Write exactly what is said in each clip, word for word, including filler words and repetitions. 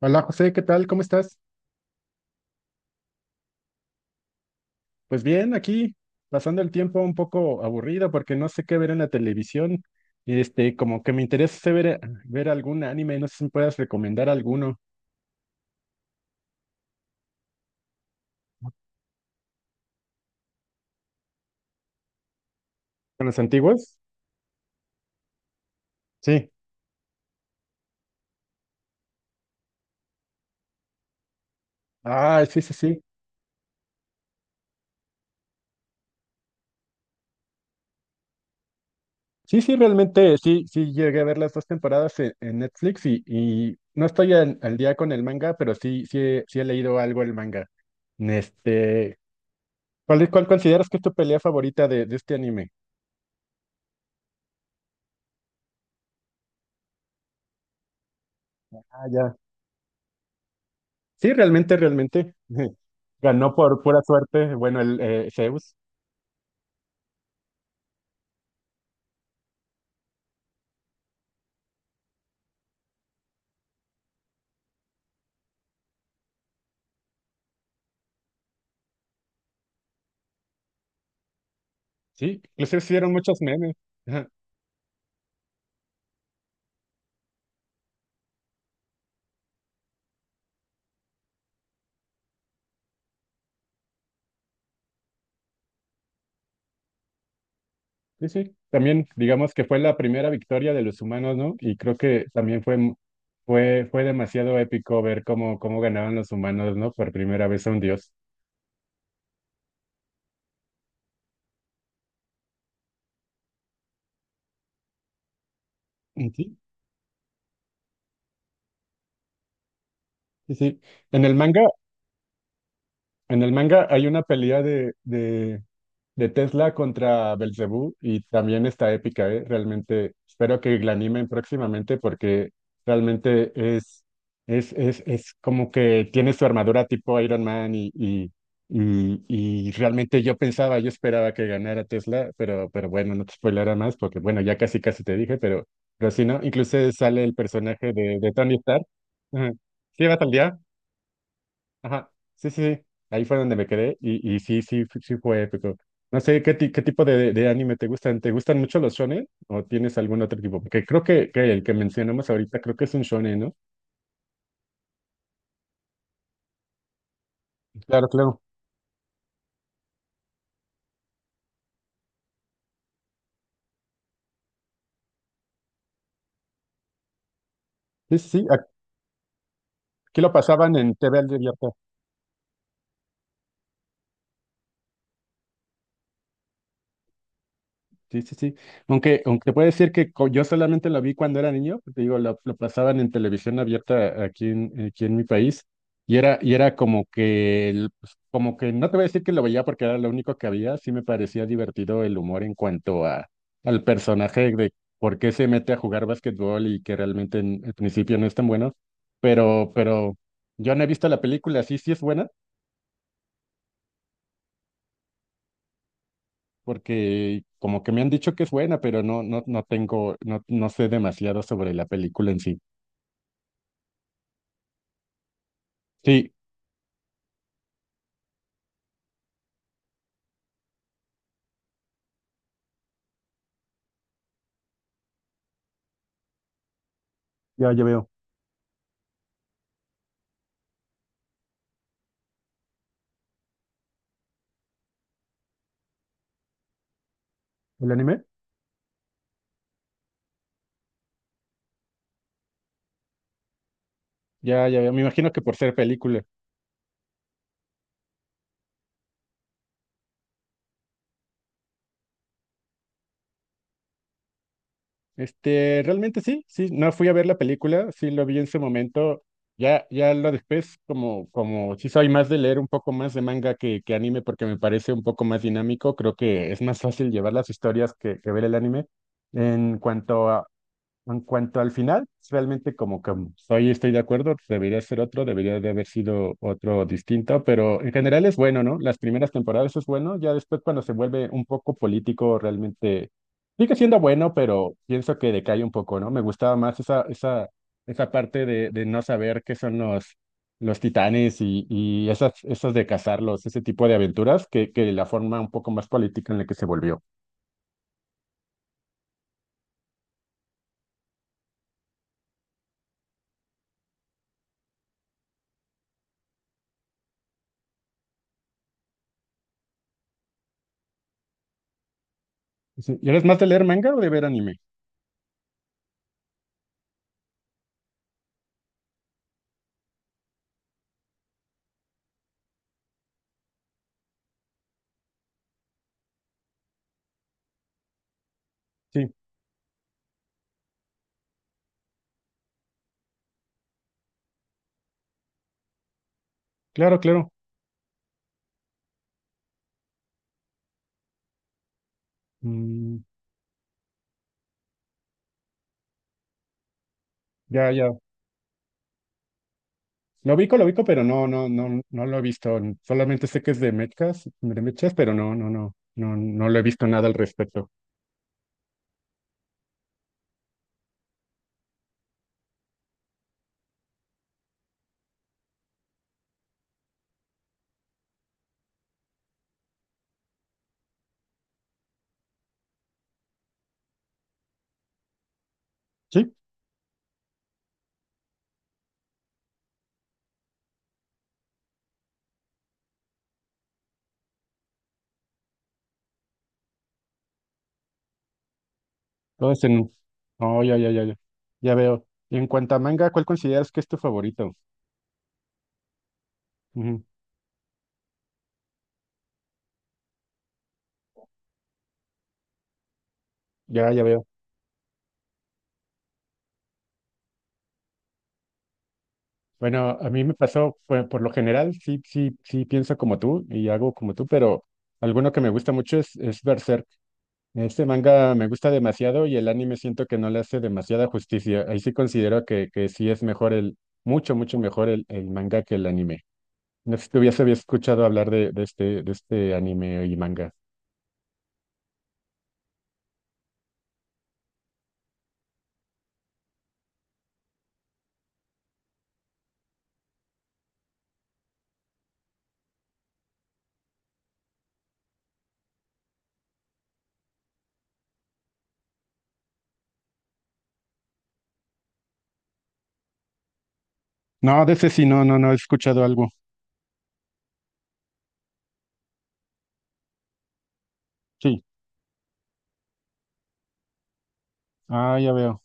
Hola José, ¿qué tal? ¿Cómo estás? Pues bien, aquí pasando el tiempo un poco aburrido porque no sé qué ver en la televisión. Y este, como que me interesa ver, ver algún anime, no sé si me puedas recomendar alguno. ¿Con los antiguos? Sí. Ah, sí, sí, sí. Sí, sí, realmente sí, sí llegué a ver las dos temporadas en, en Netflix y, y no estoy al, al día con el manga, pero sí, sí, he- sí he leído algo el manga. Este, ¿cuál, es- cuál consideras que es tu pelea favorita de, de este anime? Ah ya. Sí, realmente, realmente. Ganó por pura suerte, bueno, el eh, Zeus. Sí, inclusive hicieron muchos memes. Ajá. Sí, sí. También, digamos que fue la primera victoria de los humanos, ¿no? Y creo que también fue, m- fue, fue demasiado épico ver cómo, cómo ganaban los humanos, ¿no? Por primera vez a un dios. Sí, sí, sí. En el manga, en el manga hay una pelea de, de, de Tesla contra Belzebú y también está épica, ¿eh? Realmente espero que la animen próximamente porque realmente es, es, es, es como que tiene su armadura tipo Iron Man y, y, y, y realmente yo pensaba, yo esperaba que ganara Tesla, pero, pero bueno, no te spoileré más porque bueno, ya casi casi te dije, pero, pero sí, ¿no? Incluso sale el personaje de, de Tony Stark. Ajá. ¿Sí vas al día? Ajá, sí, sí, sí. Ahí fue donde me quedé y, y sí, sí, fu- sí fue épico. No sé, ¿qué, ti- qué tipo de, de anime te gustan? ¿Te gustan mucho los shonen o tienes algún otro tipo? Porque creo que, que el que mencionamos ahorita creo que es un shonen, ¿no? Claro, claro. Sí, sí, sí, aquí lo pasaban en T TV abierta. Sí, sí, sí. Aunque, aunque puede decir que co- yo solamente lo vi cuando era niño, porque digo, lo, lo pasaban en televisión abierta aquí en, aquí en mi país, y era, y era como que, el- pues, como que, no te voy a decir que lo veía porque era lo único que había, sí me parecía divertido el humor en cuanto a, al personaje de por qué se mete a jugar básquetbol y que realmente en el principio no es tan bueno, pero, pero yo no he visto la película, sí, sí es buena. Porque como que me han dicho que es buena, pero no, no, no tengo, no, no sé demasiado sobre la película en sí. Sí, ya, ya veo. ¿El anime? Ya, ya, veo, me imagino que por ser película. Este, realmente sí, sí, no fui a ver la película, sí lo vi en su momento. Ya, ya lo después, como, como sí soy más de leer un poco más de manga que, que anime porque me parece un poco más dinámico, creo que es más fácil llevar las historias que, que ver el anime. En cuanto a, En cuanto al final, pues, realmente como que soy, estoy de acuerdo, debería ser otro, debería de haber sido otro distinto, pero en general es bueno, ¿no? Las primeras temporadas es bueno, ya después cuando se vuelve un poco político, realmente sigue siendo bueno, pero pienso que decae un poco, ¿no? Me gustaba más esa, esa, esa parte de, de no saber qué son los, los titanes y, y esas, esas de cazarlos, ese tipo de aventuras, que, que la forma un poco más política en la que se volvió. Sí. ¿Y eres más de leer manga o de ver anime? Sí, claro, claro. Mm, ya, ya. Lo ubico, lo ubico, pero no, no, no, no lo he visto. Solamente sé que es de mechas, de mechas, pero no, no, no, no, no lo he visto nada al respecto. Sí, todo es en. Oh, ya, ya, ya, ya. Ya veo. Y en cuanto a manga, ¿cuál consideras que es tu favorito? Ujú, ya, ya veo. Bueno, a mí me pasó, pues, por lo general, sí, sí, sí pienso como tú y hago como tú, pero alguno que me gusta mucho es, es Berserk. Este manga me gusta demasiado y el anime siento que no le hace demasiada justicia. Ahí sí considero que, que sí es mejor el, mucho, mucho mejor el, el manga que el anime. No sé si tú ya se había escuchado hablar de, de este, de este anime y manga. No, de ese sí, no, no, no he escuchado algo. Sí, ah, ya veo.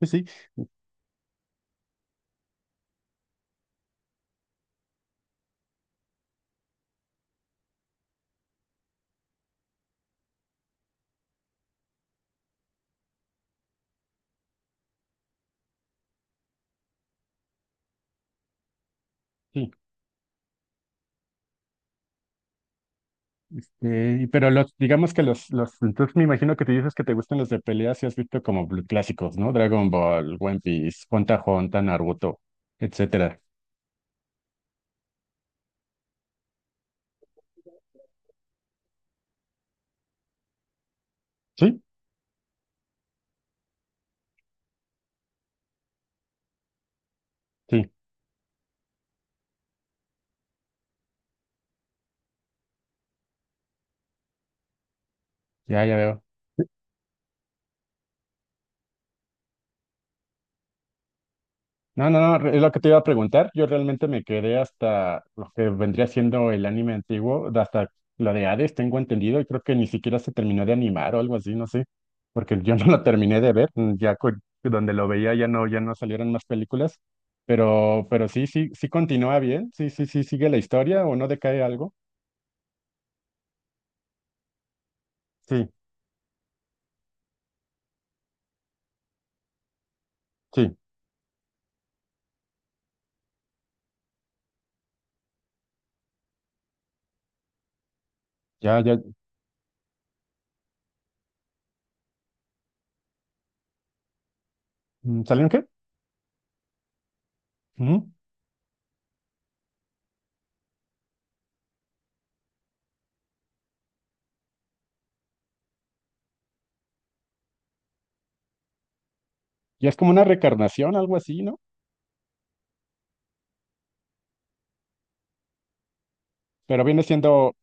Sí, sí, sí. Eh, y pero los, digamos que los, los, entonces me imagino que te dices que te gustan los de peleas y has visto como bl- clásicos, ¿no? Dragon Ball, One Piece, Hunter x Hunter, Naruto, etcétera. Sí, sí, ya, ya veo. No, no, no, es lo que te iba a preguntar. Yo realmente me quedé hasta lo que vendría siendo el anime antiguo, de hasta la de Hades, tengo entendido, y creo que ni siquiera se terminó de animar o algo así, no sé, porque yo no lo terminé de ver, mm, ya cu- donde lo veía ya no, ya no salieron más películas, pero, pero sí, sí, sí continúa bien, sí, sí, sí, sigue la historia o no decae algo. Sí, sí, ya, ya, mm, ¿salieron qué? Ujú. Ya es como una recarnación, algo así, ¿no? Pero viene siendo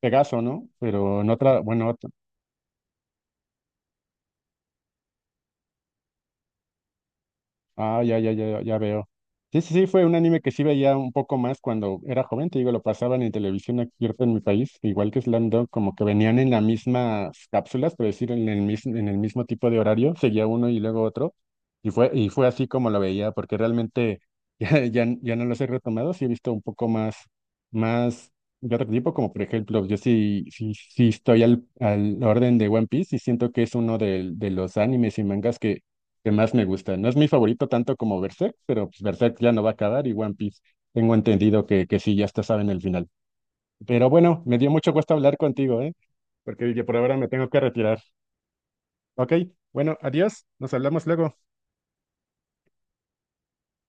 Pegaso, ¿no? Pero en otra, bueno, ah, ya, ya, ya, ya veo. Sí, sí, sí, fue un anime que sí veía un poco más cuando era joven, te digo, lo pasaban en televisión aquí en mi país, igual que Slam Dunk, como que venían en las mismas cápsulas, por decir, en el mismo, en el mismo tipo de horario, seguía uno y luego otro, y fue, y fue así como lo veía, porque realmente ya, ya, ya no los he retomado, sí he visto un poco más, más de otro tipo, como por ejemplo, yo sí, sí, sí estoy al, al orden de One Piece y siento que es uno del- de, los animes y mangas que más me gusta. No es mi favorito tanto como Berserk, pero pues Berserk ya no va a acabar y One Piece tengo entendido que, que sí, ya está, saben el final. Pero bueno, me dio mucho gusto hablar contigo, ¿eh? Porque yo por ahora me tengo que retirar. Ok, bueno, adiós, nos hablamos luego.